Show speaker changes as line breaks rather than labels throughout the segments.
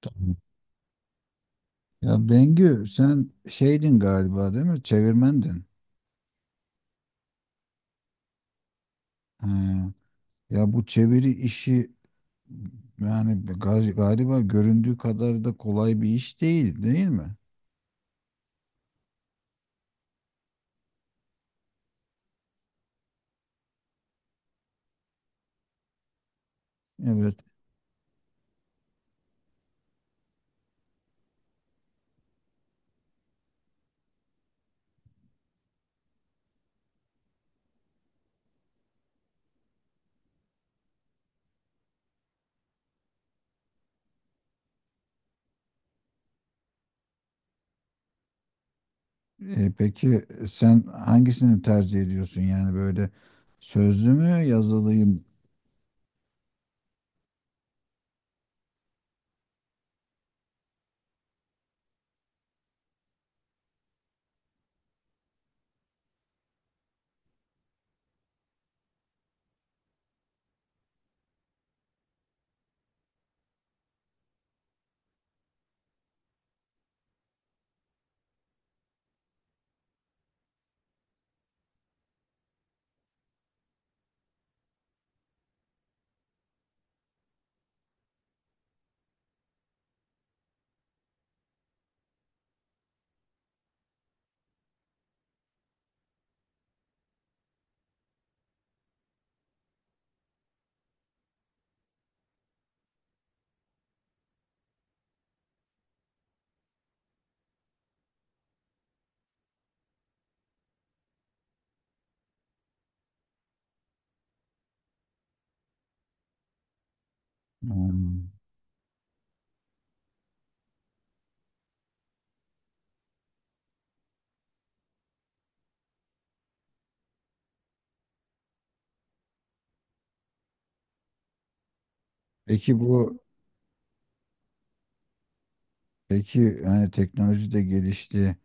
Tamam. Ya Bengü sen şeydin galiba, değil mi? Çevirmendin. He. Ya bu çeviri işi yani galiba göründüğü kadar da kolay bir iş değil, değil mi? Evet. Peki sen hangisini tercih ediyorsun? Yani böyle sözlü mü yazılıyım? Hmm. Peki bu peki yani teknoloji de gelişti.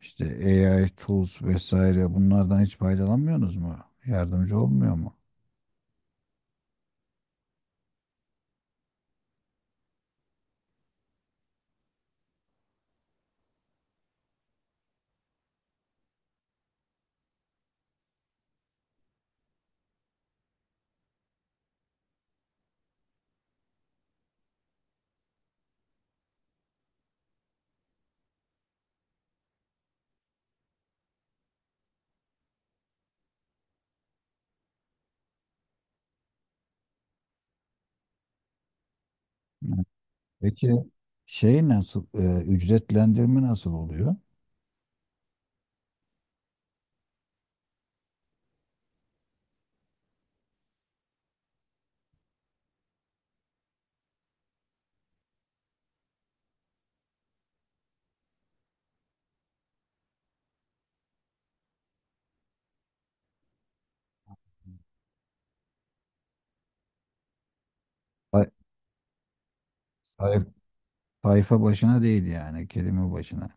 İşte AI tools vesaire bunlardan hiç faydalanmıyorsunuz mu? Yardımcı olmuyor mu? Peki ücretlendirme nasıl oluyor? Say- say- Sayfa başına değil, yani kelime başına.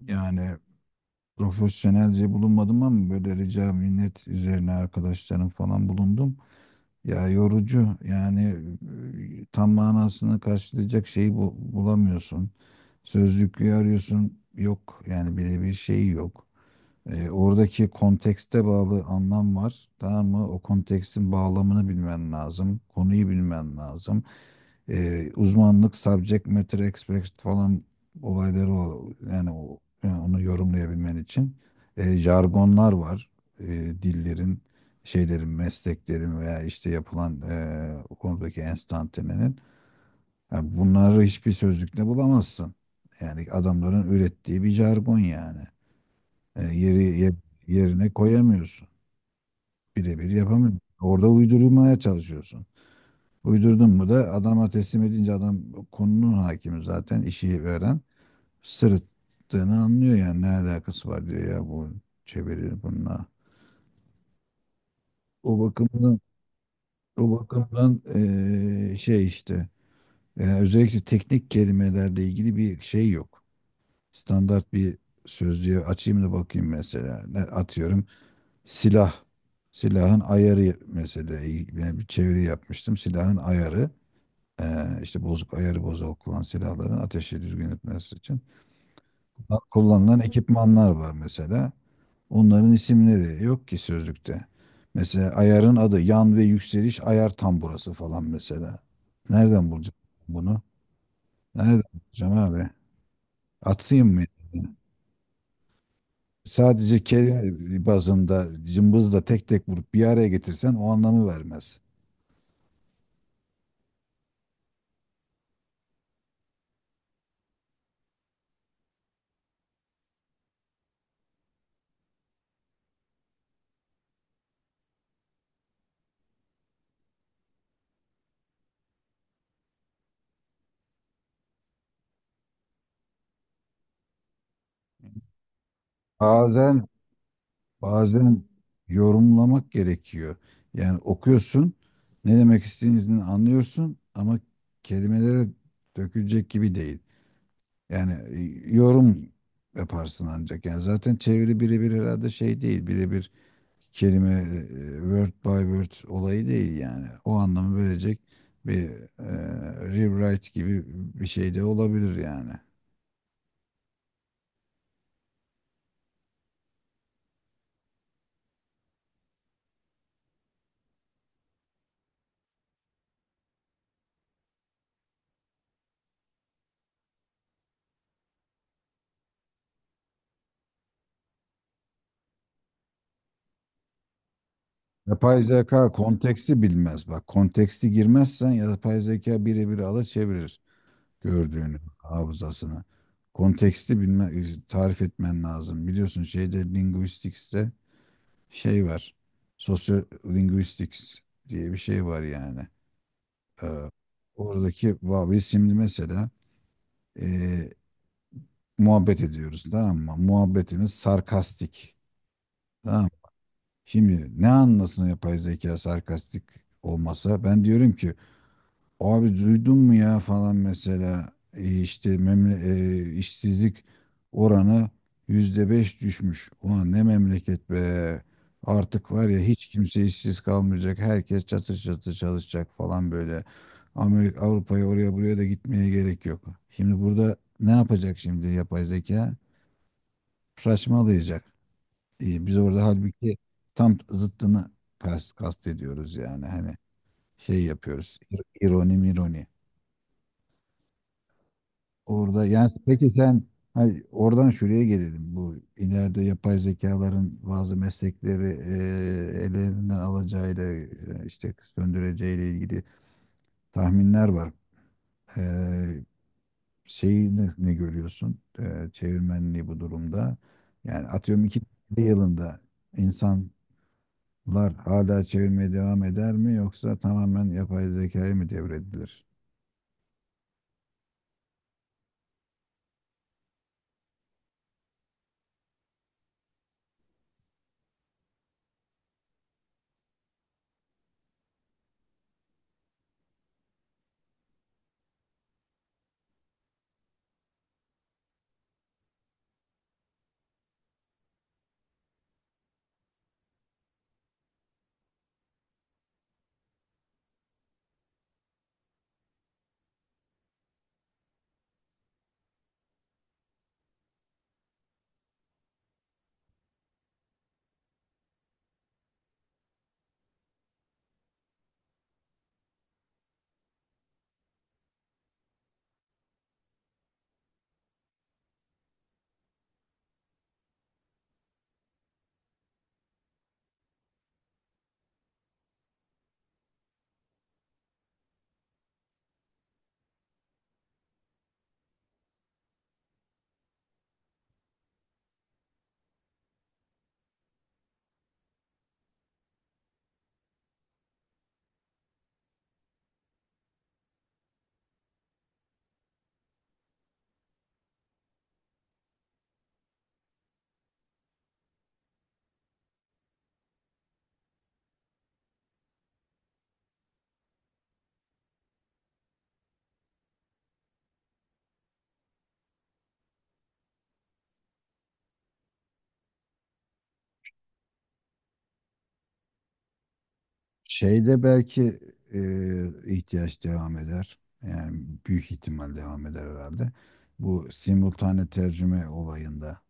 Yani profesyonelce bulunmadım ama böyle rica minnet üzerine arkadaşlarım falan bulundum. Ya yorucu yani, tam manasını karşılayacak şeyi bulamıyorsun. Sözlüğü arıyorsun, yok yani birebir şey yok. Oradaki kontekste bağlı anlam var. Tamam mı? O kontekstin bağlamını bilmen lazım. Konuyu bilmen lazım. Uzmanlık, subject matter expert falan olayları, yani, o, yani onu yorumlayabilmen için. Jargonlar var. E, dillerin, şeylerin, mesleklerin veya işte yapılan, o konudaki enstantanenin. Yani bunları hiçbir sözlükte bulamazsın. Yani adamların ürettiği bir jargon yani. E, yeri ye- yerine koyamıyorsun. Birebir yapamıyorsun. Orada uydurmaya çalışıyorsun. Uydurdun mu da adama teslim edince, adam konunun hakimi zaten, işi veren sırıttığını anlıyor. Yani ne alakası var diyor, ya bu çeviri bununla. O bakımdan, şey işte yani özellikle teknik kelimelerle ilgili bir şey yok. Standart bir sözlüğe açayım da bakayım mesela. Ne atıyorum? Silah. Silahın ayarı mesela, ben bir çeviri yapmıştım. Silahın ayarı, işte bozuk, ayarı bozuk olan silahların ateşi düzgün etmesi için kullanılan ekipmanlar var mesela. Onların isimleri yok ki sözlükte. Mesela ayarın adı yan ve yükseliş ayar tamburası falan mesela. Nereden bulacağım bunu? Nereden bulacağım abi? Atayım mı? Sadece kelime bazında cımbızla tek tek vurup bir araya getirsen o anlamı vermez. Bazen bazen yorumlamak gerekiyor. Yani okuyorsun, ne demek istediğini anlıyorsun ama kelimelere dökülecek gibi değil. Yani, yorum yaparsın ancak. Yani zaten çeviri birebir herhalde şey değil. Birebir kelime, e, word by word olayı değil yani. O anlamı verecek bir, e, rewrite gibi bir şey de olabilir yani. Yapay zeka konteksti bilmez bak. Konteksti girmezsen yapay zeka birebir alır, çevirir gördüğünü hafızasına. Konteksti bilme, tarif etmen lazım. Biliyorsun şeyde linguistics'te şey var. Sociolinguistics diye bir şey var yani. Ee, oradaki biz şimdi mesela, e, muhabbet ediyoruz, tamam mı? Muhabbetimiz sarkastik. Tamam mı? Şimdi ne anlasın yapay zeka sarkastik olmasa? Ben diyorum ki, abi duydun mu ya falan, mesela, işte işsizlik oranı %5 düşmüş. Ulan ne memleket be. Artık var ya, hiç kimse işsiz kalmayacak. Herkes çatır çatır çalışacak falan böyle. Amerika, Avrupa'ya, oraya buraya da gitmeye gerek yok. Şimdi burada ne yapacak şimdi yapay zeka? Saçmalayacak. Biz orada halbuki tam zıttını kast ediyoruz yani, hani şey yapıyoruz. İroni mironi. Orada yani, peki sen, hani oradan şuraya gelelim. Bu ileride yapay zekaların bazı meslekleri, ellerinden alacağıyla, işte söndüreceğiyle ilgili tahminler var. E, şeyi ne görüyorsun? Çevirmenliği bu durumda. Yani atıyorum iki bir yılında insanlar hala çevirmeye devam eder mi, yoksa tamamen yapay zekaya mı devredilir? Şeyde belki, e, ihtiyaç devam eder. Yani büyük ihtimal devam eder herhalde. Bu simultane tercüme olayında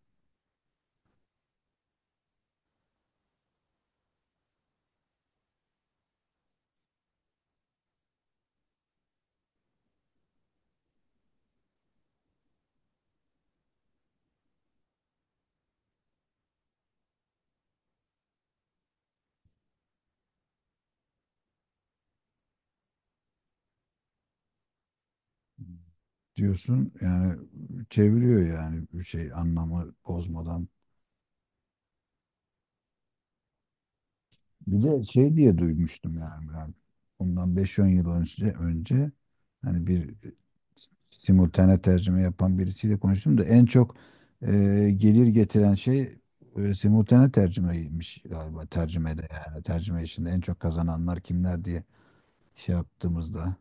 diyorsun yani, çeviriyor yani bir şey anlamı bozmadan. Bir de şey diye duymuştum, yani ben ondan beş 10 yıl önce, hani bir simultane tercüme yapan birisiyle konuştum da, en çok e, gelir getiren şey, simultane tercümeymiş galiba, tercümede yani tercüme işinde en çok kazananlar kimler diye şey yaptığımızda,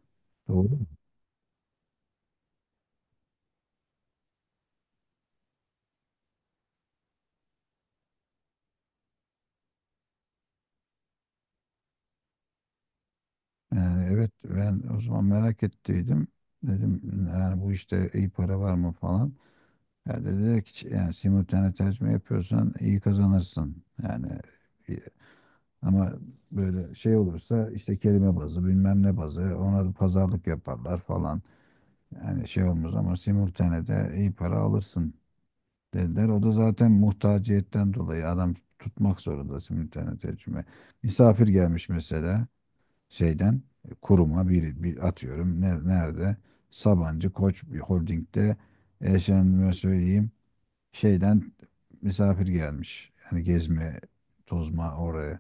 doğru mu? Yani evet, ben o zaman merak ettiydim, dedim yani bu işte iyi para var mı falan. Ya dediler ki yani simultane tercüme yapıyorsan iyi kazanırsın. Yani, e, ama böyle şey olursa işte kelime bazı, bilmem ne bazı, ona da pazarlık yaparlar falan. Yani şey olmaz ama simultane de iyi para alırsın dediler. O da zaten muhtaciyetten dolayı adam tutmak zorunda simultane tercüme. Misafir gelmiş mesela şeyden, kuruma, bir atıyorum, nerede, Sabancı Koç bir holdingde efendime söyleyeyim, şeyden misafir gelmiş. Yani gezme, tozma oraya.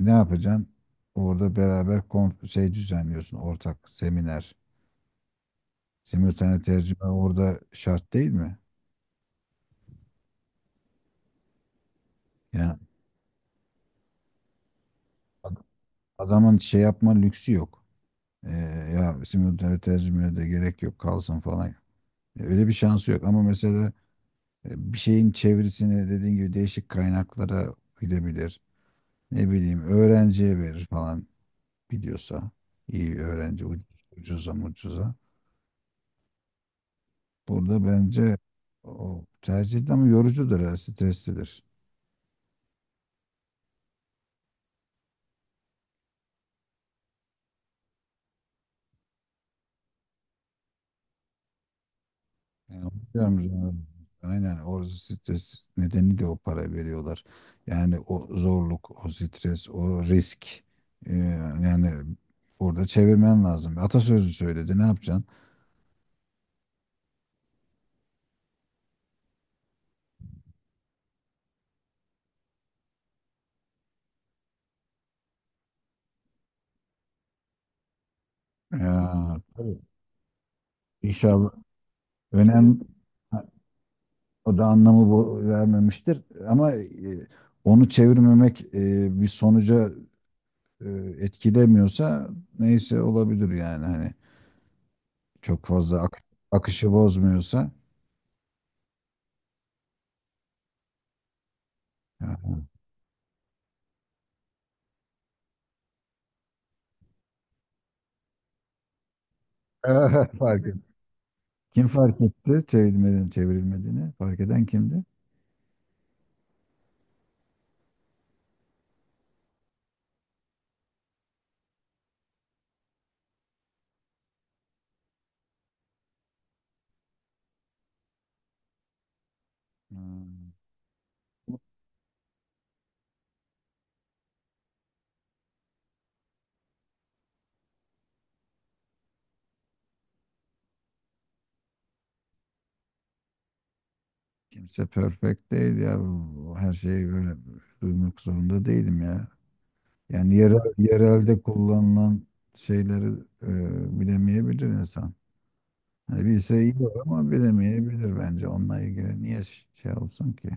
Ne yapacaksın? Orada beraber şey düzenliyorsun, ortak seminer. Simultane tercüme orada şart değil mi? Yani ad- adamın şey yapma lüksü yok. E, ya simultane tercümeye de gerek yok kalsın falan. Öyle bir şansı yok ama mesela, bir şeyin çevirisini dediğin gibi değişik kaynaklara gidebilir. Ne bileyim öğrenciye verir falan. Biliyorsa iyi öğrenci, ucuza mucuza. Burada bence o tercih de ama yorucudur ya, streslidir. Yani hocam, aynen orada stres nedeni de o, para veriyorlar. Yani o zorluk, o stres, o risk. Ee, yani orada çevirmen lazım. Atasözü söyledi, ne yapacaksın? Ya, tabii. İnşallah önem ha, o da anlamı bu vermemiştir ama, onu çevirmemek, bir sonuca, e, etkilemiyorsa neyse olabilir yani, hani çok fazla akışı bozmuyorsa. Fark et. Kim fark etti çevrilmediğini, çevrilmediğini? Fark eden kimdi? Hmm. Kimse perfect değil ya. Her şeyi böyle duymak zorunda değilim ya. Yani yerelde kullanılan şeyleri, bilemeyebilir insan. Hani bilse iyi olur ama bilemeyebilir bence. Onunla ilgili niye şey olsun ki?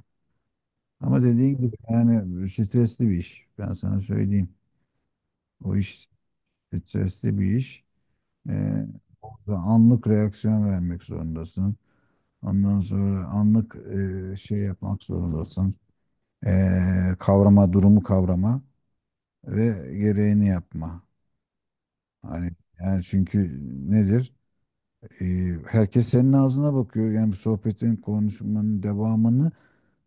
Ama dediğin gibi yani stresli bir iş. Ben sana söyleyeyim. O iş stresli bir iş. Ee, orada anlık reaksiyon vermek zorundasın. Ondan sonra anlık, şey yapmak zorundasın. Durumu kavrama ve gereğini yapma. Hani yani çünkü nedir? Ee, herkes senin ağzına bakıyor. Yani bir sohbetin, konuşmanın devamını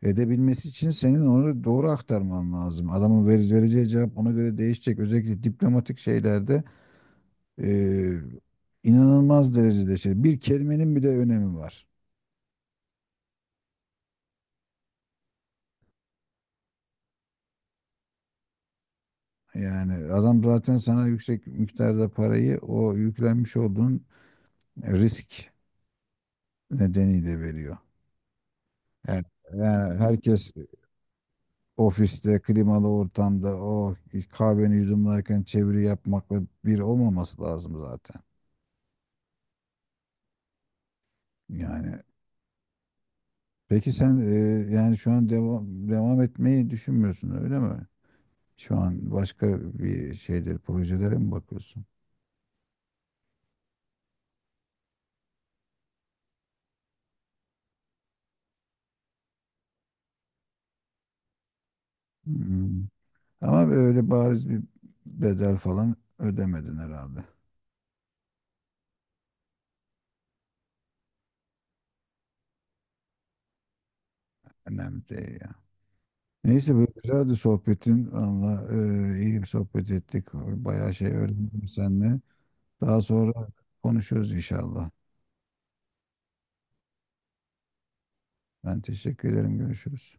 edebilmesi için senin onu doğru aktarman lazım. Adamın vereceği cevap ona göre değişecek. Özellikle diplomatik şeylerde, eee, inanılmaz derecede şey. Bir kelimenin bile önemi var. Yani adam zaten sana yüksek miktarda parayı o yüklenmiş olduğun risk nedeniyle veriyor. Yani, yani herkes ofiste, klimalı ortamda o kahveni yudumlarken çeviri yapmakla bir olmaması lazım zaten. Yani, peki sen, yani şu an devam etmeyi düşünmüyorsun, öyle mi? Şu an başka bir şeyler, projelere mi bakıyorsun? Hmm. Ama böyle bariz bir bedel falan ödemedin herhalde. Önemli değil ya. Neyse böyle güzeldi sohbetin. Valla, iyi bir sohbet ettik. Bayağı şey öğrendim seninle. Daha sonra konuşuruz inşallah. Ben teşekkür ederim. Görüşürüz.